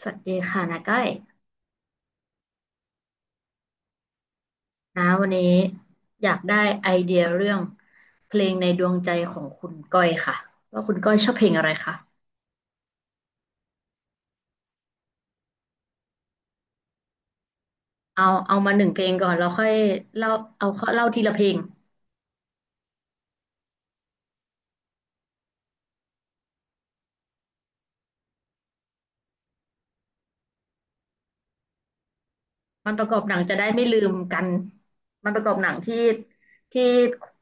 สวัสดีค่ะนาก้อยนะวันนี้อยากได้ไอเดียเรื่องเพลงในดวงใจของคุณก้อยค่ะว่าคุณก้อยชอบเพลงอะไรคะเอามาหนึ่งเพลงก่อนแล้วค่อยเล่าเอาเล่าทีละเพลงมันประกอบหนังจะได้ไม่ลืมกันมันประกอบหนังที่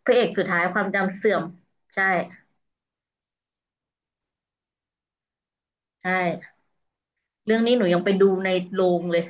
พระเอกสุดท้ายความจำเสื่อมใช่ใช่เรื่องนี้หนูยังไปดูในโรงเลย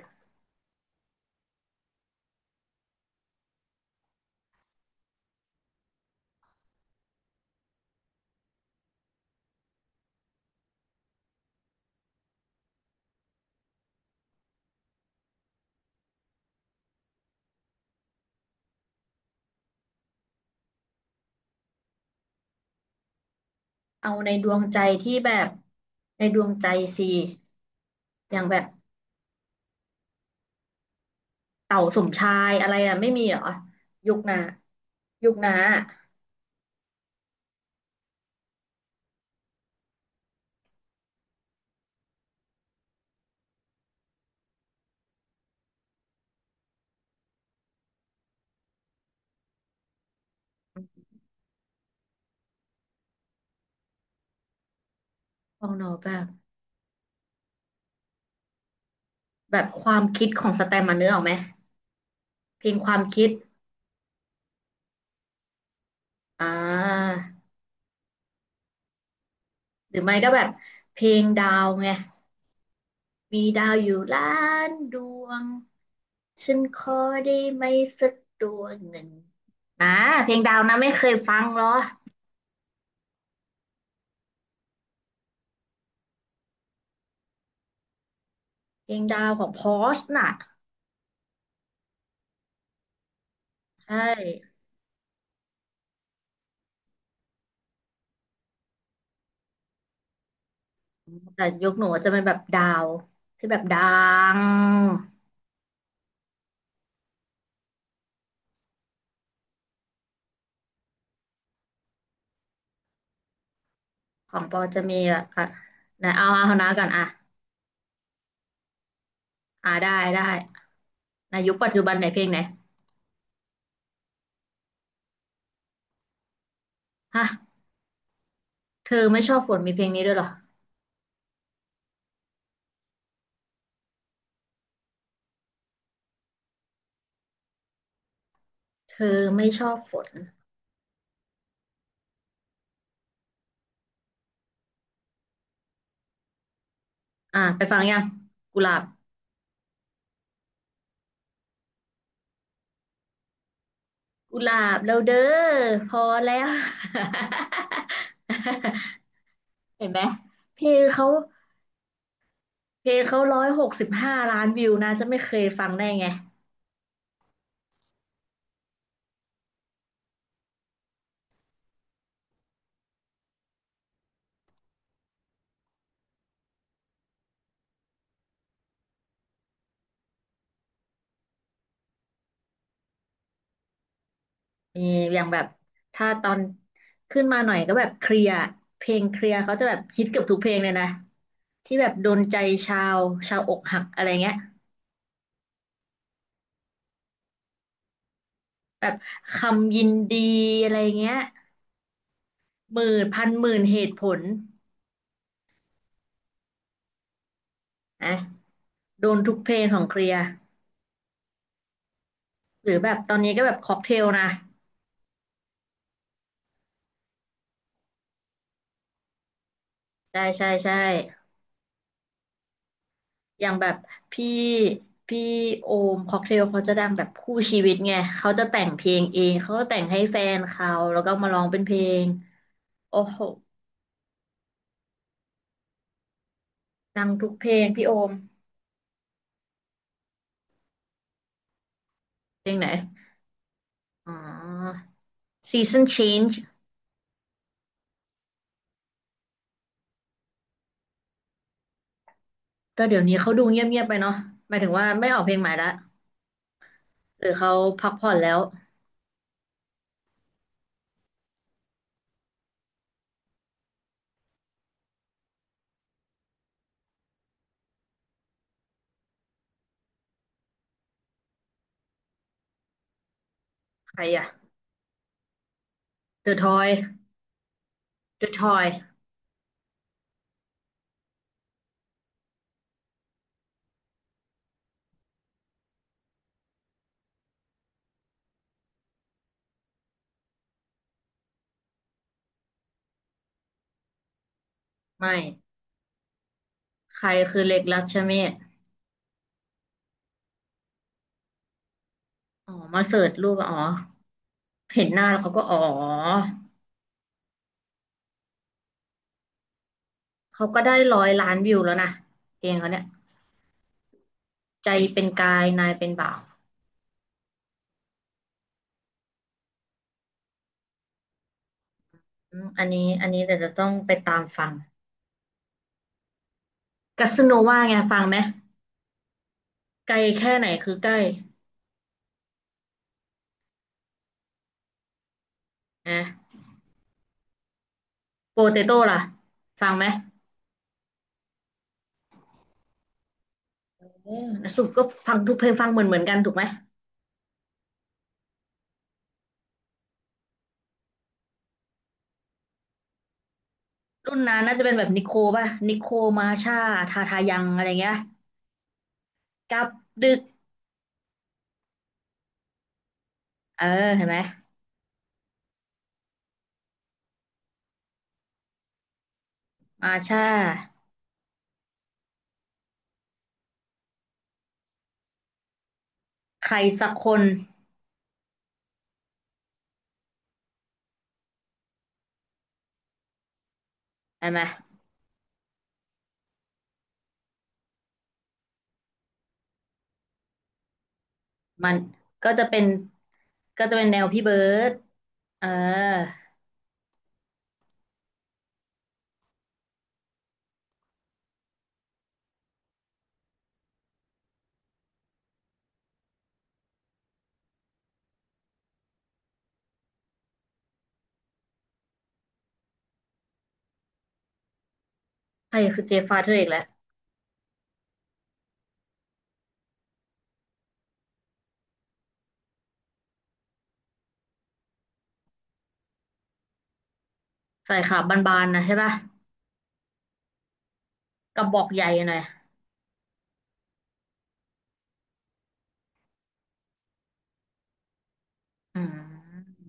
เอาในดวงใจที่แบบในดวงใจสิอย่างแบบ เต่าสมชายอะไรอ่ะไม่มีเหรอยุคนายุคนาฟองโนแบบแบบความคิดของสแตมมาเนื้อออกไหมเพลงความคิดอ่าหรือไม่ก็แบบเพลงดาวไงมีดาวอยู่ล้านดวงฉันขอได้ไหมสักดวงหนึ่งนะเพลงดาวนะไม่เคยฟังเหรอเพลงดาวของพอชน่ะใช่แต่ยุคหนูจะเป็นแบบดาวที่แบบดัง ของปอจะมีแบบอ่ะไหนเอาเอานะก่อนอ่ะอ่าได้ได้ในยุคปัจจุบันไหนเพลงไหนฮะเธอไม่ชอบฝนมีเพลงนี้ด้วยเหรอเธอไม่ชอบฝนอ่าไปฟังยังกุหลาบกุหลาบแล้วเด้อพอแล้ว เห็นไหมเพลงเขาเพลงเขา165 ล้านวิวนะจะไม่เคยฟังได้ไง มีอย่างแบบถ้าตอนขึ้นมาหน่อยก็แบบเคลียร์เพลงเคลียร์เขาจะแบบฮิตเกือบทุกเพลงเลยนะที่แบบโดนใจชาวชาวอกหักอะไรเงี้ยแบบคำยินดีอะไรเงี้ยหมื่นพันหมื่นเหตุผลนะโดนทุกเพลงของเคลียร์หรือแบบตอนนี้ก็แบบค็อกเทลนะใช่ใช่ใช่อย่างแบบพี่พี่โอมค็อกเทลเขาจะดังแบบคู่ชีวิตไงเขาจะแต่งเพลงเองเขาก็แต่งให้แฟนเขาแล้วก็มาร้องเป็นเพลง โอ้โหดังทุกเพลงพี่โอมเพลงไหน อ๋อ Season Change แต่เดี๋ยวนี้เขาดูเงียบๆไปเนาะหมายถึงว่าไม่ออกเพลงใหม่ละหรือเขาพักผ่อนแล้ว ใครอะ The Toy The Toy ไม่ ใครคือเล็กรัชเมศอ๋อมาเสิร์ชรูปอะอ๋อ เห็นหน้าแล้วเขาก็อ๋อ เขาก็ได้100 ล้านวิวแล้วนะเพลงเขาเนี่ย ใจเป็นกายนายเป็นบ่าวอืมอันนี้แต่จะต้องไปตามฟังกัสโนวาไงฟังไหมไกลแค่ไหนคือใกล้ อ่ะโปเตโต้ล่ะฟังไหมเออสุดก็ฟังทุกเพลงฟังเหมือนกันถูกไหมรุ่นนั้นน่าจะเป็นแบบนิโคป่ะนิโคมาชาทาทายังอะไรเงี้ยกับดึกเออเห็นไหมมาชาใครสักคนเห็นไหมมันก็จะเป็นก็จะเป็นแนวพี่เบิร์ดเออใครคือเจฟฟาเธอร์อีกแล้วใส่ขาบบานๆนะใช่ป่ะกระบอกใหญ่หน่อยอืม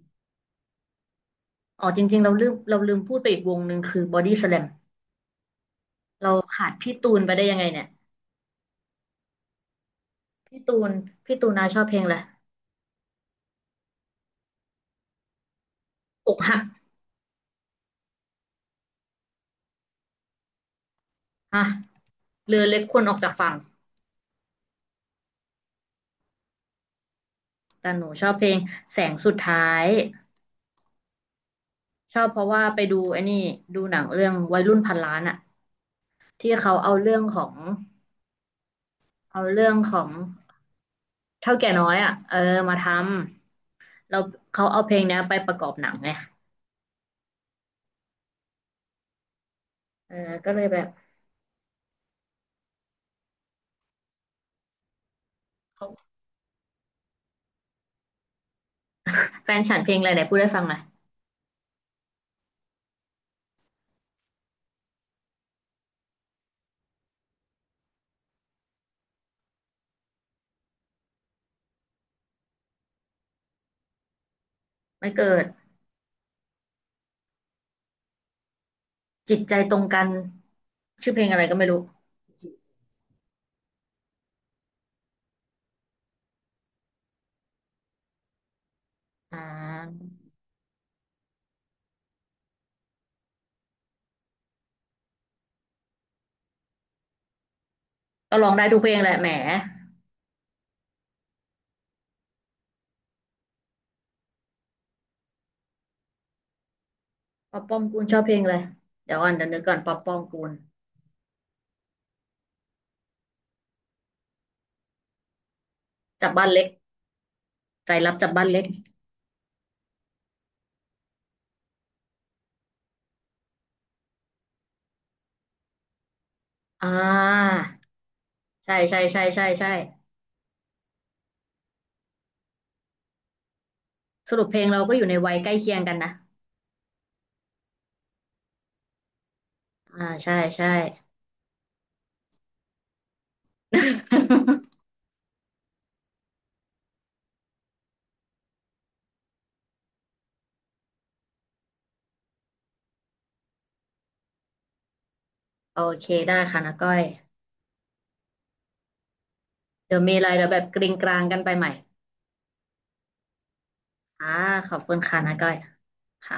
อ๋อจริงๆเราลืมพูดไปอีกวงหนึ่งคือบอดี้สแลม เราขาดพี่ตูนไปได้ยังไงเนี่ยพี่ตูนพี่ตูนนาชอบเพลงอะไรอกหักฮะเรือเล็กควรออกจากฝั่งแต่หนูชอบเพลงแสงสุดท้ายชอบเพราะว่าไปดูไอ้นี่ดูหนังเรื่องวัยรุ่นพันล้านอะที่เขาเอาเรื่องของเอาเรื่องของเท่าแก่น้อยอะเออมาทำเราเขาเอาเพลงเนี้ยไปประกอบหนังไงเออก็เลยแบบเขาแฟนฉันเพลงอะไรไหนพูดได้ฟังหน่อยไม่เกิดจิตใจตรงกันชื่อเพลงอะไรก็ไม่รู้อ่า ก็ร้องได้ทุกเพลงแหละแหมป๊อปป้อมกูลชอบเพลงอะไรเดี๋ยวก่อนเดี๋ยวนึกก่อนป๊อปป้อมกูลจับบ้านเล็กใจรับจับบ้านเล็กอ่าใช่ใช่ใช่ใช่ใช่สรุปเพลงเราก็อยู่ในวัยใกล้เคียงกันนะอ่าใช่ใช่ โอเคได้ค่ะนาก้อยเดี๋ยวมีอะไรเดี๋ยวแบบกริงกรางกันไปใหม่อ่าขอบคุณค่ะนาก้อยค่ะ